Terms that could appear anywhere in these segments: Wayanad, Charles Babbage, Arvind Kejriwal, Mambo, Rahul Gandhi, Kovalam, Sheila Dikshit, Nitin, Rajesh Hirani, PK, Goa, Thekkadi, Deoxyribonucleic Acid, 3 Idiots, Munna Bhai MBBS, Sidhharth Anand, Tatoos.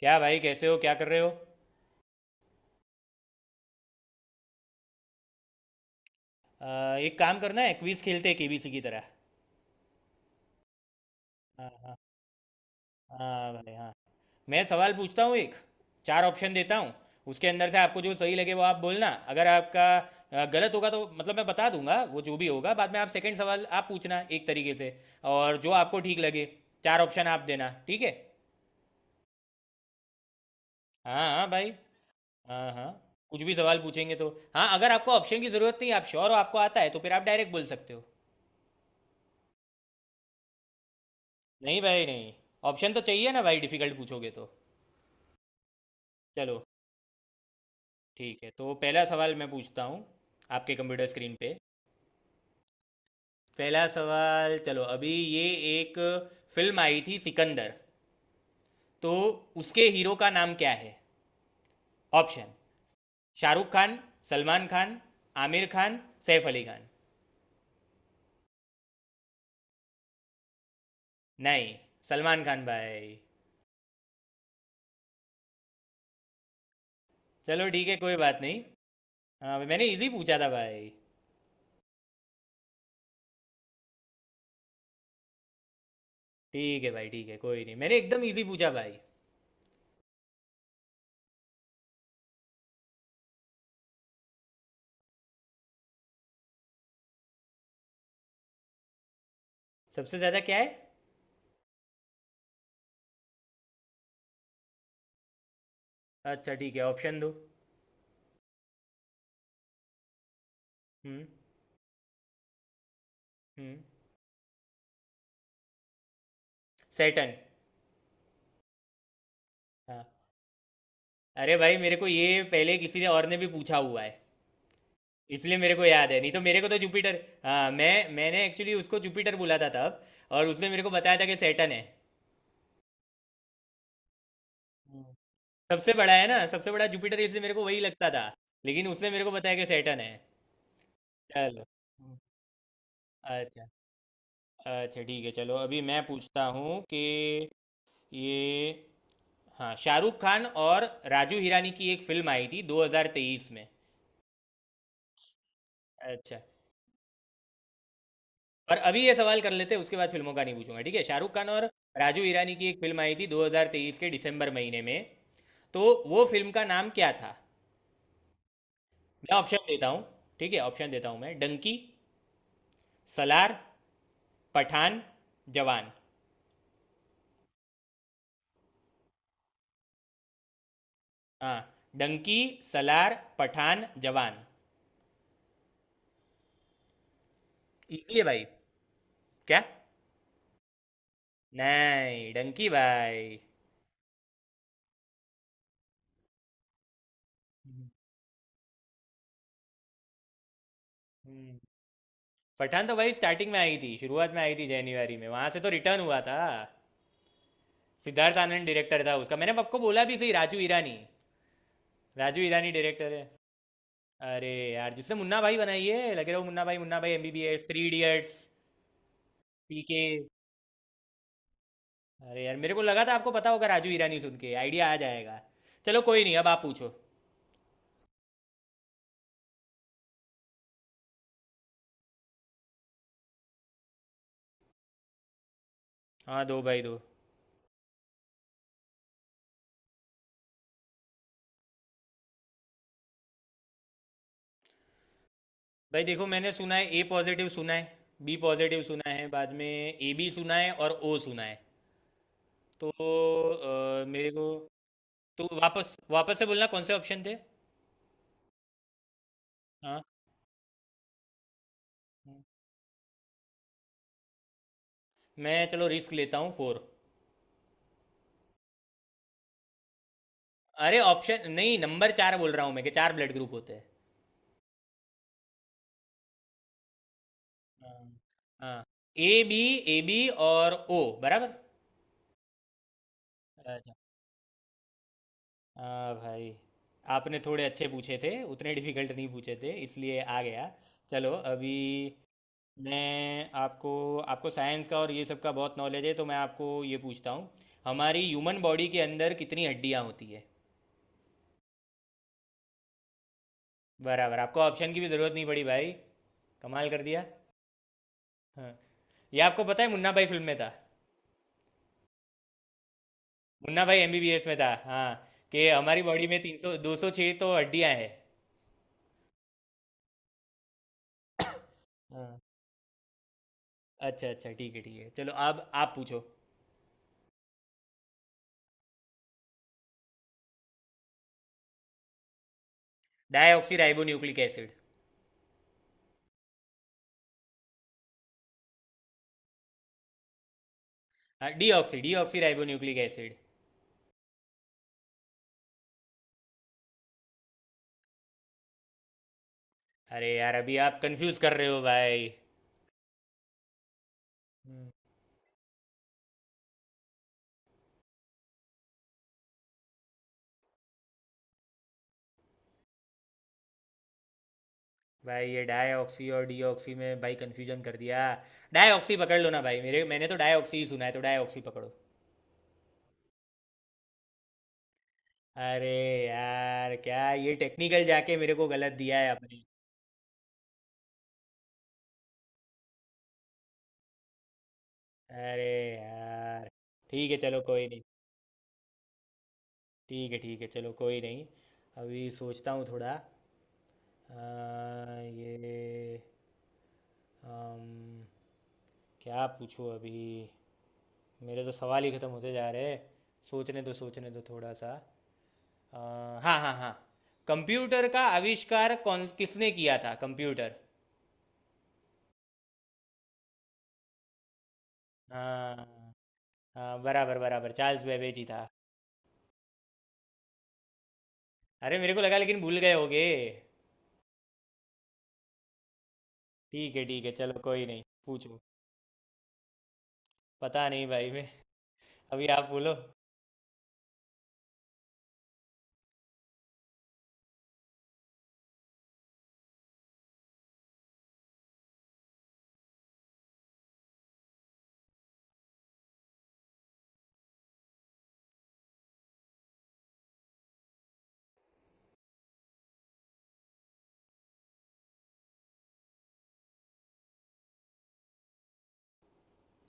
क्या भाई, कैसे हो? क्या कर रहे हो? एक काम करना है, क्विज खेलते हैं केबीसी की तरह। हाँ हाँ। हाँ भाई, हाँ। मैं सवाल पूछता हूँ एक, चार ऑप्शन देता हूँ। उसके अंदर से आपको जो सही लगे वो आप बोलना। अगर आपका गलत होगा तो मतलब मैं बता दूंगा, वो जो भी होगा। बाद में आप सेकंड सवाल आप पूछना एक तरीके से। और जो आपको ठीक लगे, चार ऑप्शन आप देना, ठीक है? हाँ हाँ भाई। हाँ हाँ। कुछ भी सवाल पूछेंगे तो। हाँ, अगर आपको ऑप्शन की ज़रूरत नहीं, आप श्योर हो, आपको आता है, तो फिर आप डायरेक्ट बोल सकते हो। नहीं भाई, नहीं। ऑप्शन तो चाहिए ना भाई, डिफिकल्ट पूछोगे तो। चलो, ठीक है। तो पहला सवाल मैं पूछता हूँ आपके कंप्यूटर स्क्रीन पे। पहला सवाल चलो अभी ये। एक फिल्म आई थी सिकंदर, तो उसके हीरो का नाम क्या है? ऑप्शन — शाहरुख खान, सलमान खान, आमिर खान, सैफ अली खान। नहीं, सलमान खान भाई। चलो ठीक है, कोई बात नहीं। हाँ, मैंने इजी पूछा था भाई। ठीक है भाई, ठीक है, कोई नहीं, मैंने एकदम इजी पूछा भाई। सबसे ज़्यादा क्या है? अच्छा ठीक है, ऑप्शन दो। हम्म। हम्म। सैटन। हाँ। अरे भाई, मेरे को ये पहले किसी ने और ने भी पूछा हुआ है, इसलिए मेरे को याद है, नहीं तो मेरे को तो जुपिटर। हाँ, मैंने एक्चुअली उसको जुपिटर बोला था तब, और उसने मेरे को बताया था कि सैटन है। हम्म। सबसे बड़ा है ना, सबसे बड़ा जुपिटर है, इसलिए मेरे को वही लगता था। लेकिन उसने मेरे को बताया कि सैटर्न है। चलो। हम्म। अच्छा। अच्छा ठीक है, चलो अभी मैं पूछता हूँ कि ये — हाँ, शाहरुख खान और राजू हिरानी की एक फिल्म आई थी 2023 में। अच्छा। और अभी ये सवाल कर लेते हैं, उसके बाद फिल्मों का नहीं पूछूंगा। ठीक है, शाहरुख खान और राजू ईरानी की एक फिल्म आई थी 2023 के दिसंबर महीने में, तो वो फिल्म का नाम क्या था? मैं ऑप्शन देता हूँ, ठीक है ऑप्शन देता हूँ मैं — डंकी, सलार, पठान, जवान। हाँ, डंकी सलार पठान जवान, इजी है भाई। क्या? नहीं, डंकी भाई। हम्म। पठान तो भाई स्टार्टिंग में आई थी, शुरुआत में आई थी, जनवरी में, वहां से तो रिटर्न हुआ था। सिद्धार्थ आनंद डायरेक्टर था उसका, मैंने आपको बोला भी, सही राजू ईरानी, राजू ईरानी डायरेक्टर है। अरे यार, जिसने मुन्ना भाई बनाई है, लगे रहो Munna Bhai, Munna Bhai MBBS, three idiots, PK. अरे यार, मेरे को लगा था आपको पता होगा राजू ईरानी सुन के आइडिया आ जाएगा। चलो कोई नहीं, अब आप पूछो। हाँ दो भाई दो। भाई देखो, मैंने सुना है ए पॉजिटिव सुना है, बी पॉजिटिव सुना है, बाद में ए बी सुना है और ओ सुना है। तो मेरे को — तो वापस वापस से बोलना कौन से ऑप्शन थे? हाँ, मैं चलो रिस्क लेता हूँ, फोर। अरे ऑप्शन नहीं, नंबर चार बोल रहा हूँ मैं, कि चार ब्लड ग्रुप होते हैं। हाँ हाँ, ए बी, ए बी, और ओ। बराबर। अच्छा। हाँ भाई, आपने थोड़े अच्छे पूछे थे, उतने डिफिकल्ट नहीं पूछे थे, इसलिए आ गया। चलो अभी मैं आपको — आपको साइंस का और ये सब का बहुत नॉलेज है, तो मैं आपको ये पूछता हूँ, हमारी ह्यूमन बॉडी के अंदर कितनी हड्डियाँ होती है? बराबर, आपको ऑप्शन की भी ज़रूरत नहीं पड़ी भाई। कमाल कर दिया। हाँ, ये आपको पता है, मुन्ना भाई फिल्म में था। मुन्ना भाई एमबीबीएस में था। हाँ, कि हमारी बॉडी में 300, 206 तो हड्डियाँ हैं। हाँ। अच्छा अच्छा, ठीक है ठीक है, चलो, अब आप पूछो। Deoxy ribo nucleic acid. हाँ, deoxy, deoxy ribo nucleic acid. अरे यार, अभी आप कंफ्यूज कर रहे हो भाई। हम्म। भाई, ये डाईऑक्सी और डीऑक्सी में भाई कंफ्यूजन कर दिया। डाईऑक्सी पकड़ लो ना भाई, मेरे — मैंने तो डाईऑक्सी ही सुना है, तो डाईऑक्सी पकड़ो। अरे यार, क्या ये टेक्निकल जाके मेरे को गलत दिया है आपने। अरे यार। ठीक है, चलो कोई नहीं। ठीक है ठीक है, चलो कोई नहीं, अभी सोचता हूँ थोड़ा। अ, ये — अम, क्या पूछूँ अभी? मेरे तो सवाल ही ख़त्म होते जा रहे हैं। सोचने दो थोड़ा सा। अ, हाँ हाँ हाँ, कंप्यूटर का आविष्कार कौन, किसने किया था कंप्यूटर? हाँ, हाँ बराबर बराबर, चार्ल्स बेबेज ही था। अरे, मेरे को लगा लेकिन भूल गए होगे। ठीक है ठीक है, चलो कोई नहीं, पूछो। पता नहीं भाई, मैं — अभी आप बोलो।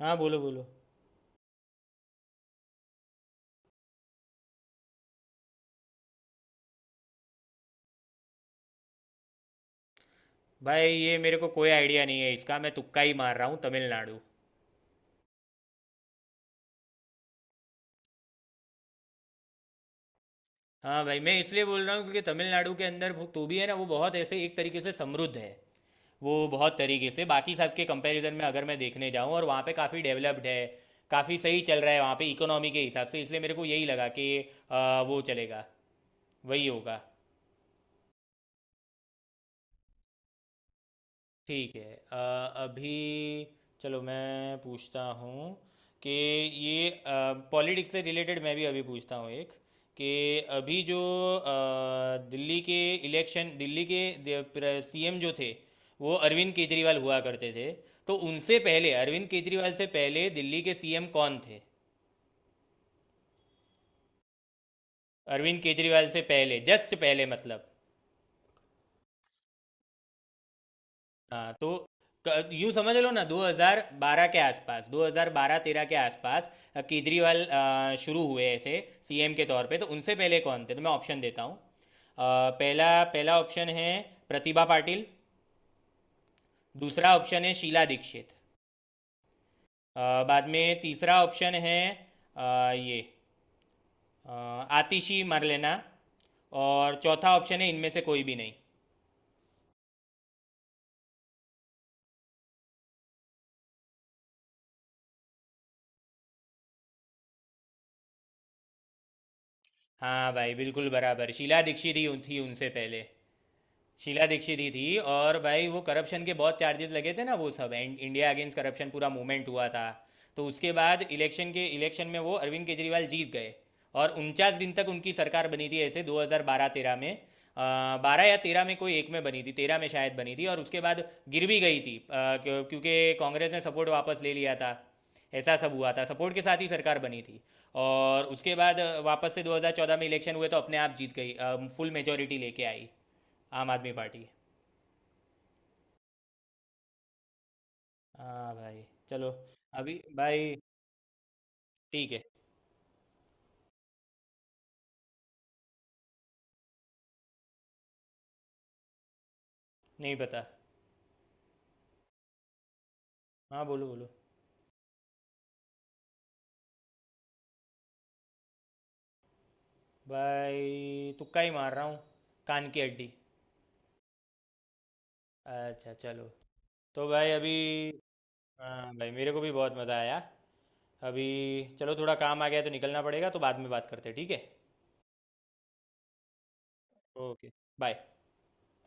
हाँ बोलो बोलो। भाई, ये मेरे को कोई आइडिया नहीं है इसका, मैं तुक्का ही मार रहा हूँ — तमिलनाडु। हाँ भाई, मैं इसलिए बोल रहा हूँ क्योंकि तमिलनाडु के अंदर तो भी है ना, वो बहुत ऐसे एक तरीके से समृद्ध है, वो बहुत तरीके से बाकी सब के कंपैरिजन में अगर मैं देखने जाऊँ, और वहाँ पे काफ़ी डेवलप्ड है, काफ़ी सही चल रहा है वहाँ पे इकोनॉमी के हिसाब से, इसलिए मेरे को यही लगा कि वो चलेगा, वही होगा। ठीक है, अभी चलो मैं पूछता हूँ कि ये पॉलिटिक्स से रिलेटेड मैं भी अभी पूछता हूँ एक, कि अभी जो दिल्ली के इलेक्शन, दिल्ली के सीएम जो थे, वो अरविंद केजरीवाल हुआ करते थे। तो उनसे पहले, अरविंद केजरीवाल से पहले दिल्ली के सीएम कौन थे? अरविंद केजरीवाल से पहले, जस्ट पहले मतलब। हाँ तो यूं समझ लो ना, 2012 के आसपास, 2012-13 के आसपास केजरीवाल शुरू हुए ऐसे सीएम के तौर पे, तो उनसे पहले कौन थे? तो मैं ऑप्शन देता हूँ पहला, पहला ऑप्शन है प्रतिभा पाटिल। दूसरा ऑप्शन है शीला दीक्षित। बाद में तीसरा ऑप्शन है ये आतिशी मरलेना। और चौथा ऑप्शन है इनमें से कोई भी नहीं। हाँ भाई, बिल्कुल बराबर, शीला दीक्षित ही थी उनसे पहले। शीला दीक्षित ही थी, और भाई वो करप्शन के बहुत चार्जेस लगे थे ना, वो सब एंड इंडिया अगेंस्ट करप्शन पूरा मूवमेंट हुआ था। तो उसके बाद इलेक्शन के इलेक्शन में वो अरविंद केजरीवाल जीत गए। और 49 दिन तक उनकी सरकार बनी थी ऐसे 2012-13 में। बारह या तेरह में कोई एक में बनी थी, तेरह में शायद बनी थी, और उसके बाद गिर भी गई थी, क्योंकि कांग्रेस ने सपोर्ट वापस ले लिया था। ऐसा सब हुआ था, सपोर्ट के साथ ही सरकार बनी थी। और उसके बाद वापस से 2014 में इलेक्शन हुए तो अपने आप जीत गई, फुल मेजोरिटी लेके आई आम आदमी पार्टी। हाँ भाई। चलो। अभी भाई, ठीक है। नहीं पता। हाँ बोलो बोलो। भाई तुक्का ही मार रहा हूँ, कान की हड्डी। अच्छा चलो। तो भाई अभी — हाँ भाई, मेरे को भी बहुत मज़ा आया। अभी चलो, थोड़ा काम आ गया है तो निकलना पड़ेगा, तो बाद में बात करते हैं, ठीक है? Okay, bye.